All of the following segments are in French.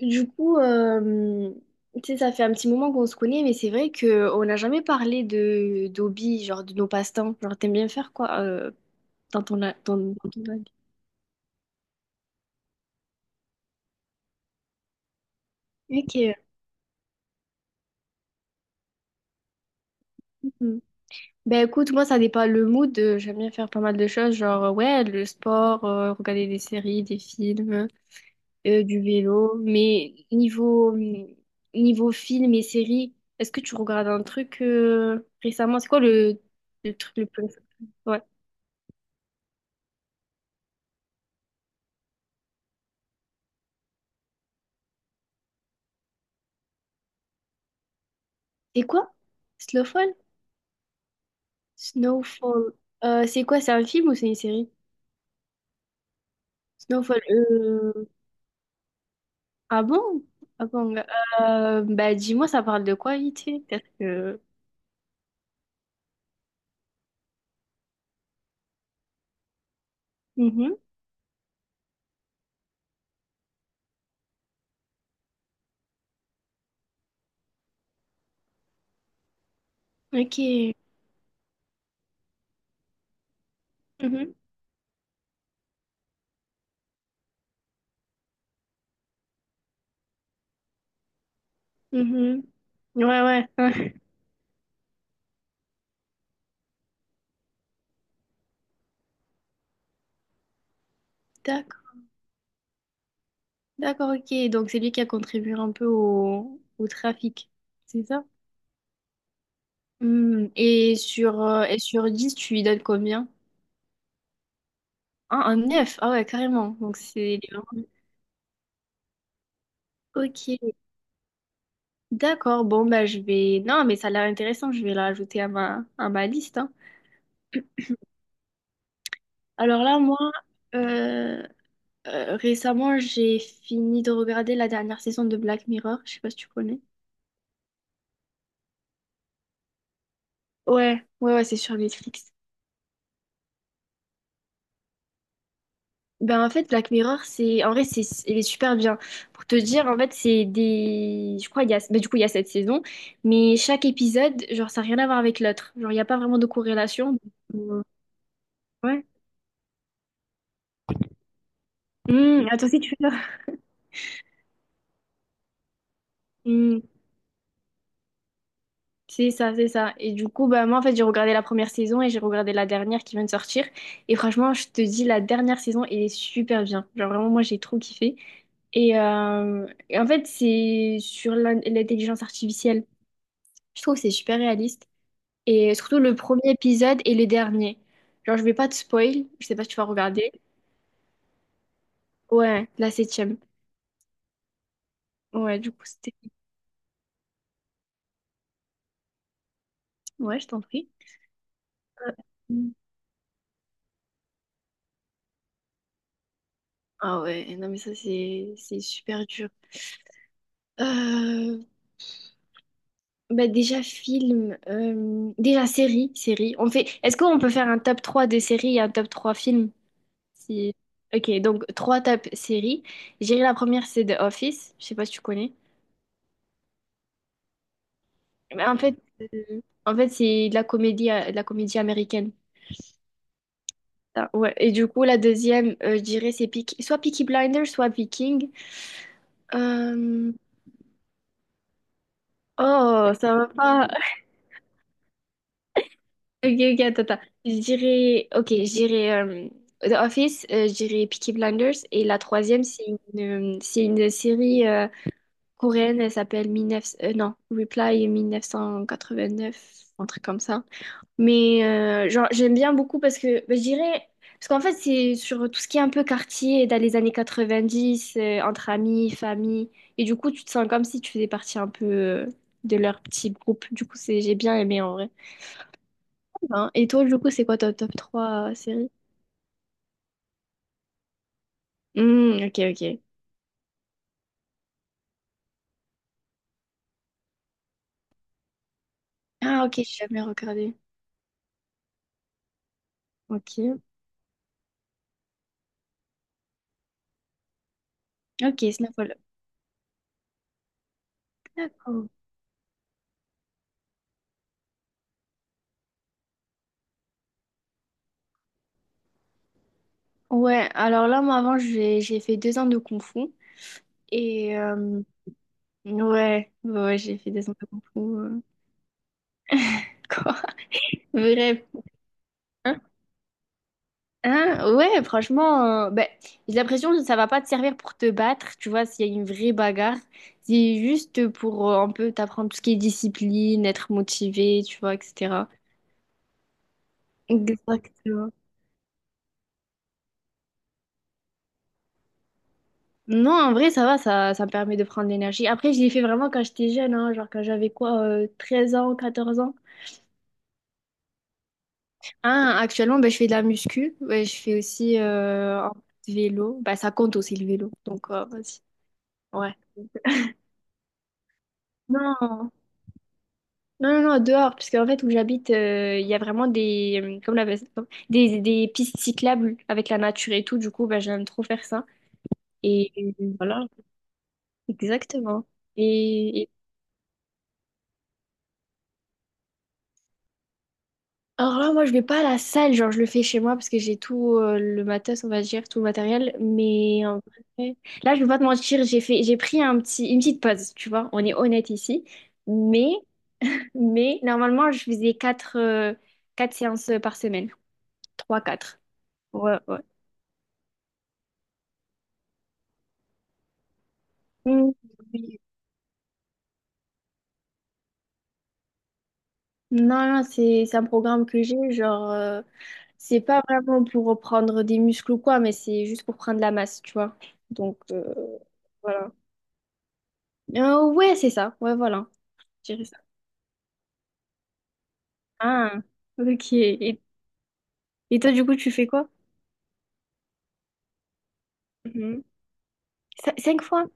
Du coup, tu sais, ça fait un petit moment qu'on se connaît, mais c'est vrai qu'on n'a jamais parlé de d'hobby, genre de nos passe-temps. Genre, t'aimes bien faire quoi dans ton, dans ton hobby? Ok. Mhm. Ben écoute, moi, ça dépend le mood. J'aime bien faire pas mal de choses, genre, ouais, le sport, regarder des séries, des films, du vélo. Mais niveau film et séries, est-ce que tu regardes un truc récemment? C'est quoi le truc le plus. C'est quoi? Snowfall? Snowfall. C'est quoi? C'est un film ou c'est une série? Snowfall. Ah bon? Ah bon. Bah dis-moi, ça parle de quoi vite fait? Parce que. Mhm. Ok. Mhm. Mhm. Ouais, ouais. D'accord. D'accord, ok. Donc c'est lui qui a contribué un peu au trafic. C'est ça? Hmm. Et sur 10, tu lui donnes combien? Ah, un 9. Ah ouais, carrément. Donc c'est. Ok. D'accord, bon, bah, je vais. Non, mais ça a l'air intéressant, je vais la rajouter à ma liste. Hein. Alors là, moi, euh, récemment, j'ai fini de regarder la dernière saison de Black Mirror, je sais pas si tu connais. Ouais, ouais, ouais, c'est sur Netflix. Ben, en fait, Black Mirror, c'est. En vrai, c'est. Il est super bien. Pour te dire, en fait, c'est des. Je crois, il y a. Ben, du coup, il y a cette saison, mais chaque épisode, genre, ça n'a rien à voir avec l'autre. Genre, il n'y a pas vraiment de corrélation. euh, Ouais. À toi aussi, tu fais ça. C'est ça, c'est ça. Et du coup, bah, moi, en fait, j'ai regardé la première saison et j'ai regardé la dernière qui vient de sortir. Et franchement, je te dis, la dernière saison, elle est super bien. Genre, vraiment, moi, j'ai trop kiffé. Et en fait, c'est sur l'intelligence artificielle. Je trouve que c'est super réaliste. Et surtout, le premier épisode et le dernier. Genre, je vais pas te spoil. Je sais pas si tu vas regarder. Ouais, la septième. Ouais, du coup, c'était. Ouais, je t'en prie. Euh, Ah ouais, non, mais ça, c'est super dur. Euh, Bah déjà film, déjà série. On fait. Est-ce qu'on peut faire un top 3 des séries et un top 3 films? Si. Ok, donc 3 top séries. J'irai la première, c'est The Office. Je sais pas si tu connais. Mais euh, en fait c'est de la comédie américaine. Ah, ouais. Et du coup, la deuxième, je dirais c'est soit Peaky Blinders, soit Viking. Euh, Oh, ça va pas. Ok, ok, attends, attends. Je dirais, ok, je dirais The Office, je dirais Peaky Blinders, et la troisième, c'est c'est une série coréenne, elle s'appelle 19. Non, Reply 1989, un truc comme ça. Mais genre, j'aime bien beaucoup parce que, bah, je dirais, parce qu'en fait, c'est sur tout ce qui est un peu quartier, dans les années 90, entre amis, famille, et du coup, tu te sens comme si tu faisais partie un peu de leur petit groupe. Du coup, c'est, j'ai bien aimé en vrai. Hein. Et toi, du coup, c'est quoi ta top 3 série? Hmm, ok, ok. Ah, ok, j'ai jamais regardé. Ok. Ok, Snowfall. D'accord. Ouais, alors là, moi, avant, j'ai fait 2 ans de Kung Fu. Et ouais, ouais, j'ai fait 2 ans de Kung Fu. Quoi? Bref. Hein? Hein? Ouais, franchement, ben, j'ai l'impression que ça va pas te servir pour te battre, tu vois, s'il y a une vraie bagarre. C'est juste pour un peu t'apprendre tout ce qui est discipline, être motivé, tu vois, etc. Exactement. Non, en vrai, ça va, ça me permet de prendre de l'énergie. Après, je l'ai fait vraiment quand j'étais jeune, hein, genre quand j'avais quoi, 13 ans, 14 ans. Hein, actuellement, ben je fais de la muscu. Ouais, je fais aussi un peu de vélo. Bah, ça compte aussi le vélo, donc vas-y. Ouais. Non, non, non, non, dehors, parce qu'en fait, où j'habite, il y a vraiment des pistes cyclables avec la nature et tout, du coup, bah, j'aime trop faire ça. Et, voilà, exactement. Et. Alors là, moi, je vais pas à la salle, genre, je le fais chez moi parce que j'ai tout le matos, on va dire, tout le matériel. Mais en vrai, là, je vais pas te mentir, j'ai pris une petite pause, tu vois, on est honnête ici. Mais, mais normalement, je faisais quatre séances par semaine, trois, quatre. Ouais, ouais. Mm. Non, non, c'est un programme que j'ai, genre, c'est pas vraiment pour reprendre des muscles ou quoi, mais c'est juste pour prendre la masse, tu vois. Donc, voilà. Ouais, c'est ça, ouais, voilà. Je dirais ça. Ah, ok. Et, toi, du coup, tu fais quoi? Mhm. Cinq fois?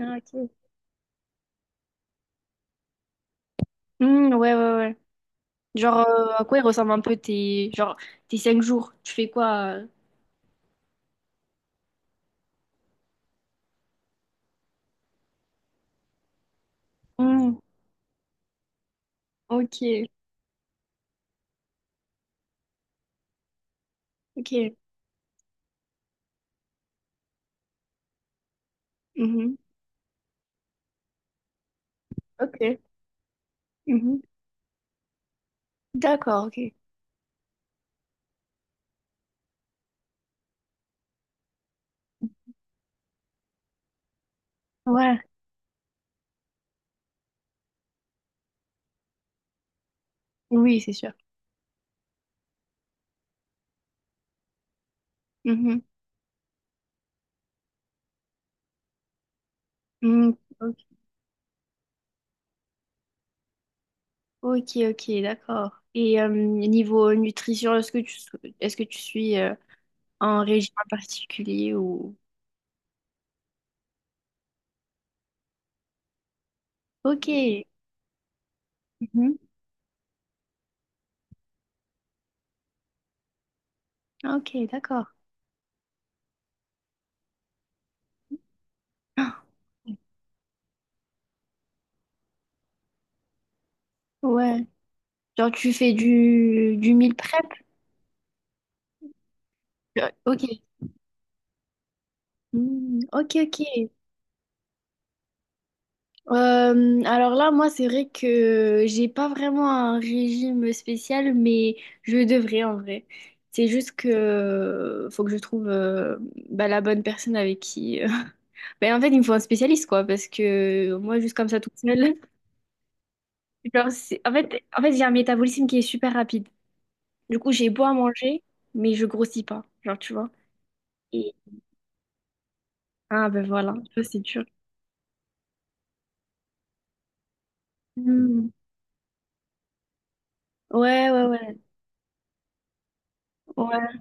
Ah, ok. Hmm, ouais, ouais, ouais. Genre, à quoi ils ressemblent un peu tes, genre, tes 5 jours? Tu fais quoi? Hmm, ok, ok. Mhm. Ok. Mhm. D'accord, ok. Ouais, oui, c'est sûr. Mhm. Hmm, ok, ok, ok, d'accord. Et niveau nutrition, est-ce que tu, est-ce que tu suis un régime en particulier ou. Ok. Mhm. Ok, d'accord. Ouais, genre tu fais du meal prep? Ok. Hmm, ok, ok. Alors là, moi, c'est vrai que j'ai pas vraiment un régime spécial, mais je devrais en vrai. C'est juste que faut que je trouve bah, la bonne personne avec qui. Ben, en fait, il me faut un spécialiste, quoi, parce que moi, juste comme ça, toute seule. Genre, en fait, j'ai un métabolisme qui est super rapide. Du coup, j'ai beau à manger, mais je grossis pas. Genre, tu vois. Ah ben voilà, ça c'est dur. Hmm. Ouais, ouais, ouais. Ouais,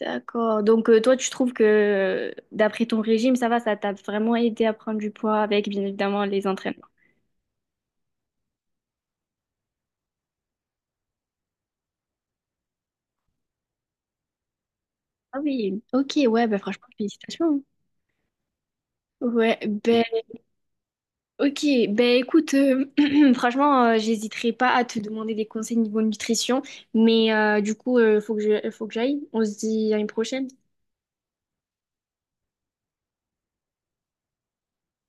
d'accord. Donc toi, tu trouves que d'après ton régime, ça va, ça t'a vraiment aidé à prendre du poids avec bien évidemment les entraînements. Ah oui, ok, ouais, ben franchement, félicitations. Ouais, ben ok, ben écoute, franchement, j'hésiterai pas à te demander des conseils niveau nutrition, mais du coup, faut que j'aille. On se dit à une prochaine.